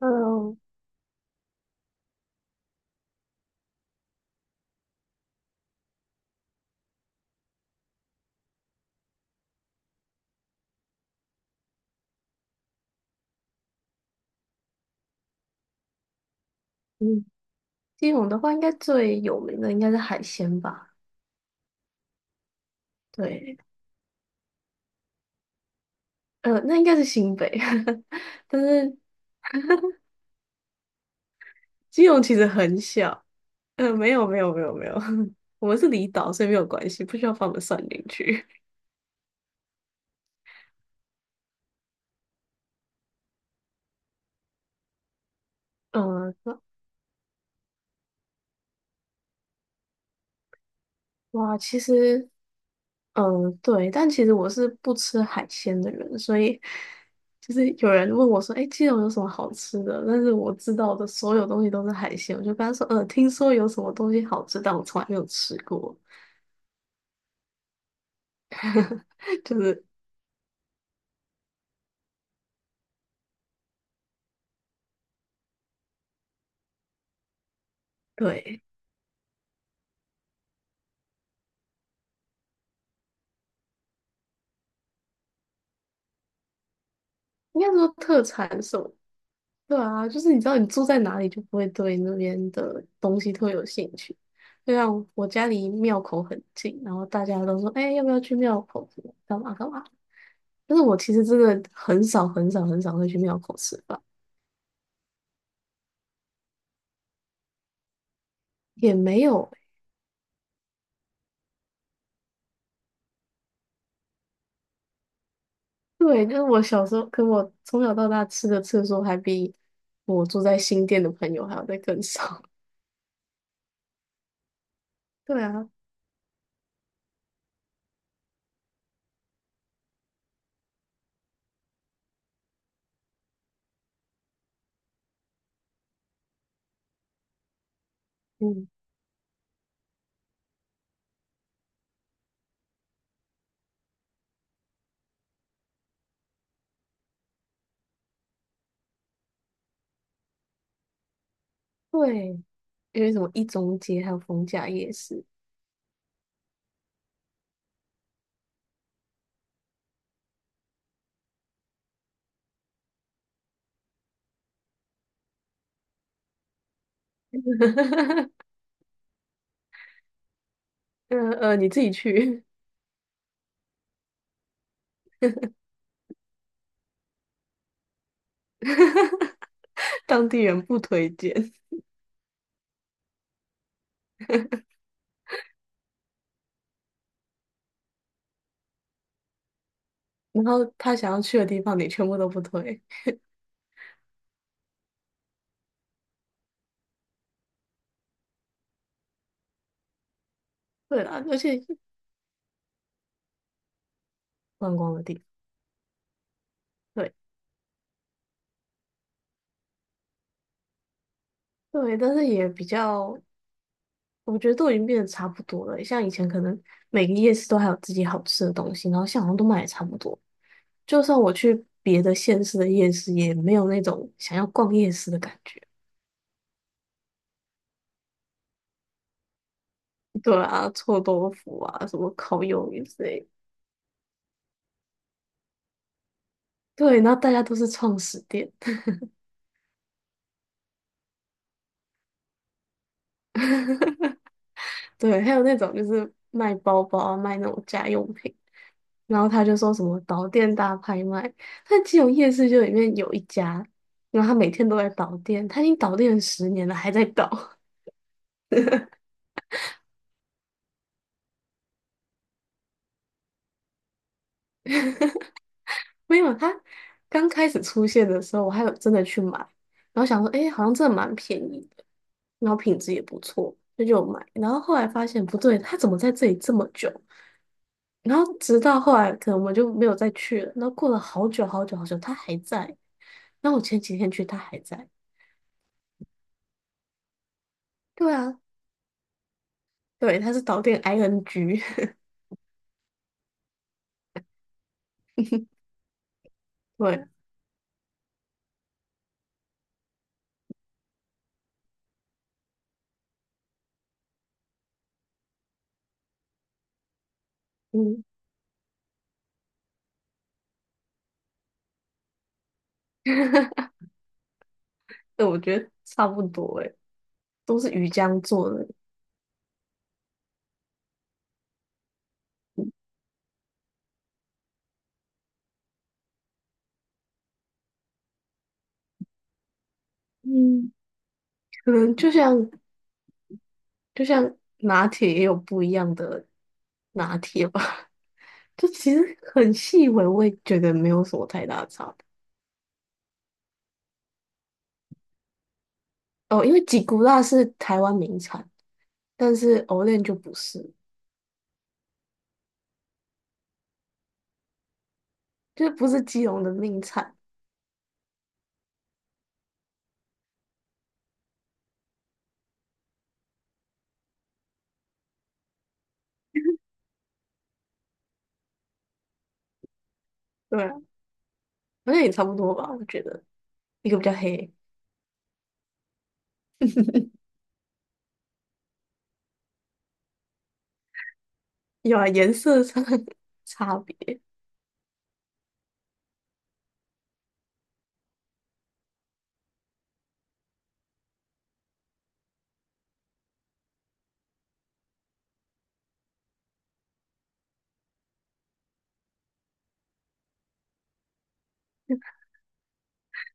嗯嗯，基隆的话，应该最有名的应该是海鲜吧？对，那应该是新北，但是基隆其实很小。没有没有没有没有，我们是离岛，所以没有关系，不需要放我们算进去。嗯、那哇，其实，嗯、对，但其实我是不吃海鲜的人，所以就是有人问我说："哎，基隆有什么好吃的？"但是我知道的所有东西都是海鲜，我就跟他说："听说有什么东西好吃，但我从来没有吃过。"就是对，应该说特产什么？对啊，就是你知道你住在哪里，就不会对那边的东西特有兴趣。就像我家离庙口很近，然后大家都说："哎、要不要去庙口什么干嘛干嘛？"但是我其实真的很少很少很少会去庙口吃饭，也没有欸。对，就是我小时候，可我从小到大吃的次数还比我住在新店的朋友还要再更少。对啊，嗯，对，因为什么一中街还有逢甲夜市，你自己去，当地人不推荐。然后他想要去的地方，你全部都不推。对啦，而且观光的地方，对对，但是也比较，我觉得都已经变得差不多了。像以前可能每个夜市都还有自己好吃的东西，然后像在好像都卖的差不多。就算我去别的县市的夜市，也没有那种想要逛夜市的感觉。对啊，臭豆腐啊，什么烤鱿鱼之类的。对，然后大家都是创始店。对，还有那种就是卖包包啊卖那种家用品，然后他就说什么导电大拍卖，但基隆夜市就里面有一家，然后他每天都在导电，他已经导电了十年了，还在导。没有，他刚开始出现的时候，我还有真的去买，然后想说，诶，好像真的蛮便宜的，然后品质也不错，那就有买。然后后来发现不对，他怎么在这里这么久？然后直到后来，可能我就没有再去了。然后过了好久好久好久，它还在。那我前几天去，它还在。对啊，对，它是导电 ING,对，嗯，对，我觉得差不多诶，都是鱼浆做的，嗯，可能就像拿铁也有不一样的拿铁吧，就其实很细微，我也觉得没有什么太大的差别。哦，因为吉古拉是台湾名产，但是 o l e 就不是。就是不是基隆的名产，对啊好像也差不多吧，我觉得一个比较黑，有啊，颜色上的 差别，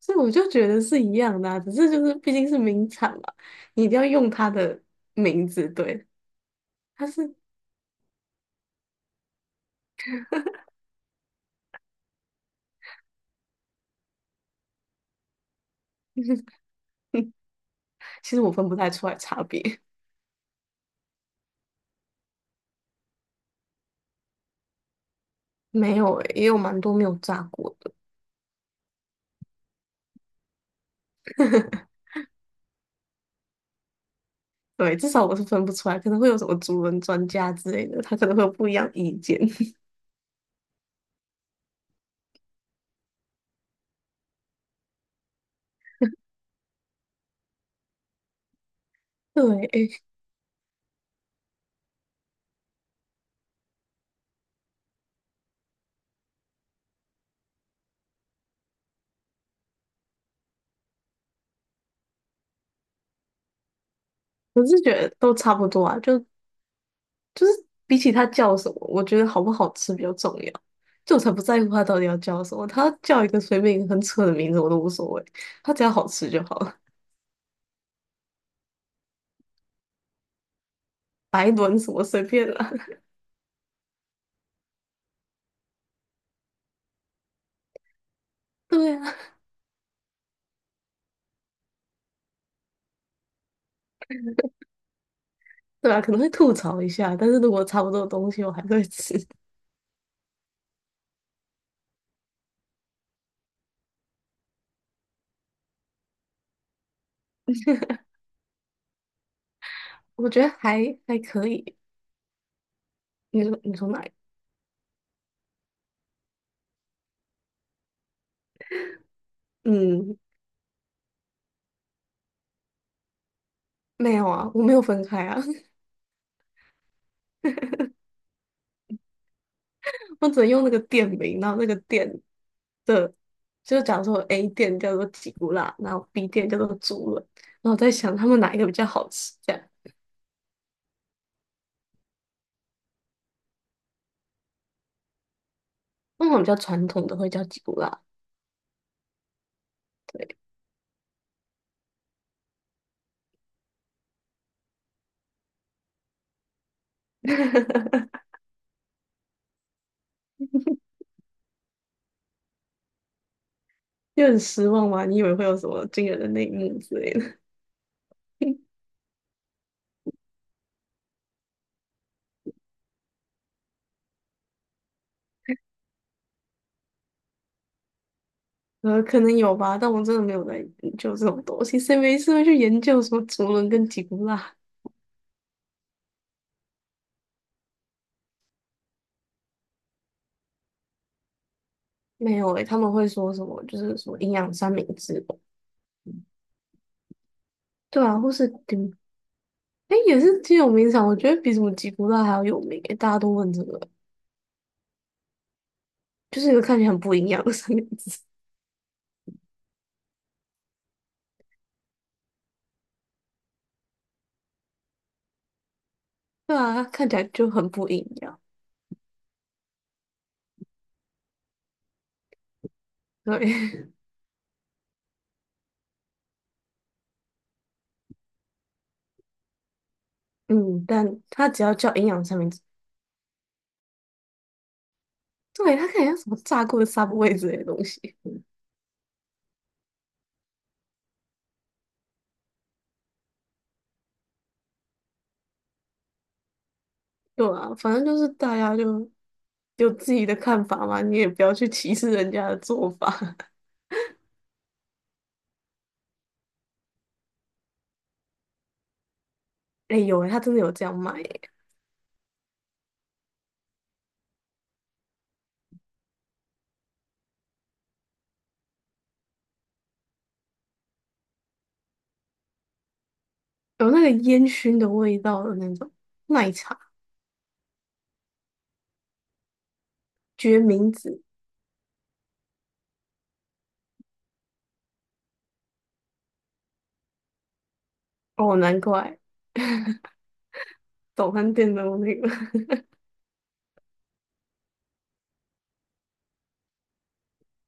所以我就觉得是一样的啊，只是就是毕竟是名产嘛，你一定要用它的名字，对，它是，其实我分不太出来差别，没有诶、也有蛮多没有炸过的，对，至少我是分不出来，可能会有什么主人专家之类的，他可能会有不一样意见，对，诶、我是觉得都差不多啊，就比起它叫什么，我觉得好不好吃比较重要。就我才不在乎它到底要叫什么，它叫一个随便一个很扯的名字我都无所谓，它只要好吃就好了。白轮什么随便啦，对啊，对吧？可能会吐槽一下，但是如果差不多的东西我还是会吃，我觉得还还可以。你说你说哪一？嗯，没有啊，我没有分开啊，我只能用那个店名，然后那个店的，就假如说 A 店叫做吉古拉，然后 B 店叫做猪轮。然后我在想他们哪一个比较好吃，这样。那种比较传统的会叫吉古拉，就很失望嘛。你以为会有什么惊人的内幕之类的？可能有吧，但我真的没有在研究这种东西。谁没事会去研究什么竹轮跟吉古拉？没有诶、他们会说什么就是什么营养三明治吧对啊，或是顶诶、也是挺有名场，我觉得比什么吉古拉还要有名诶、大家都问这个，就是一个看起来很不营养的三明治。对啊，看起来就很不营养。对，嗯，但它只要叫营养三明治。对，他看起来像什么炸过的 Subway 之类的东西。对啊，反正就是大家就有自己的看法嘛，你也不要去歧视人家的做法。哎、有哎、他真的有这样卖、欸，有那个烟熏的味道的那种奶茶决明子哦，难怪 早餐店都有那个，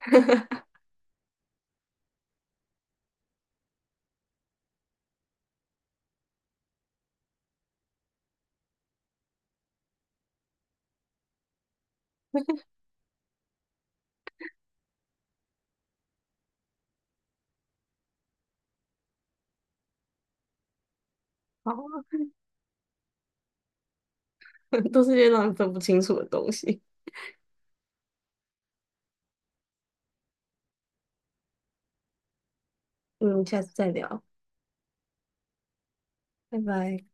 好啊，都是些让人分不清楚的东西。嗯，下次再聊，拜拜。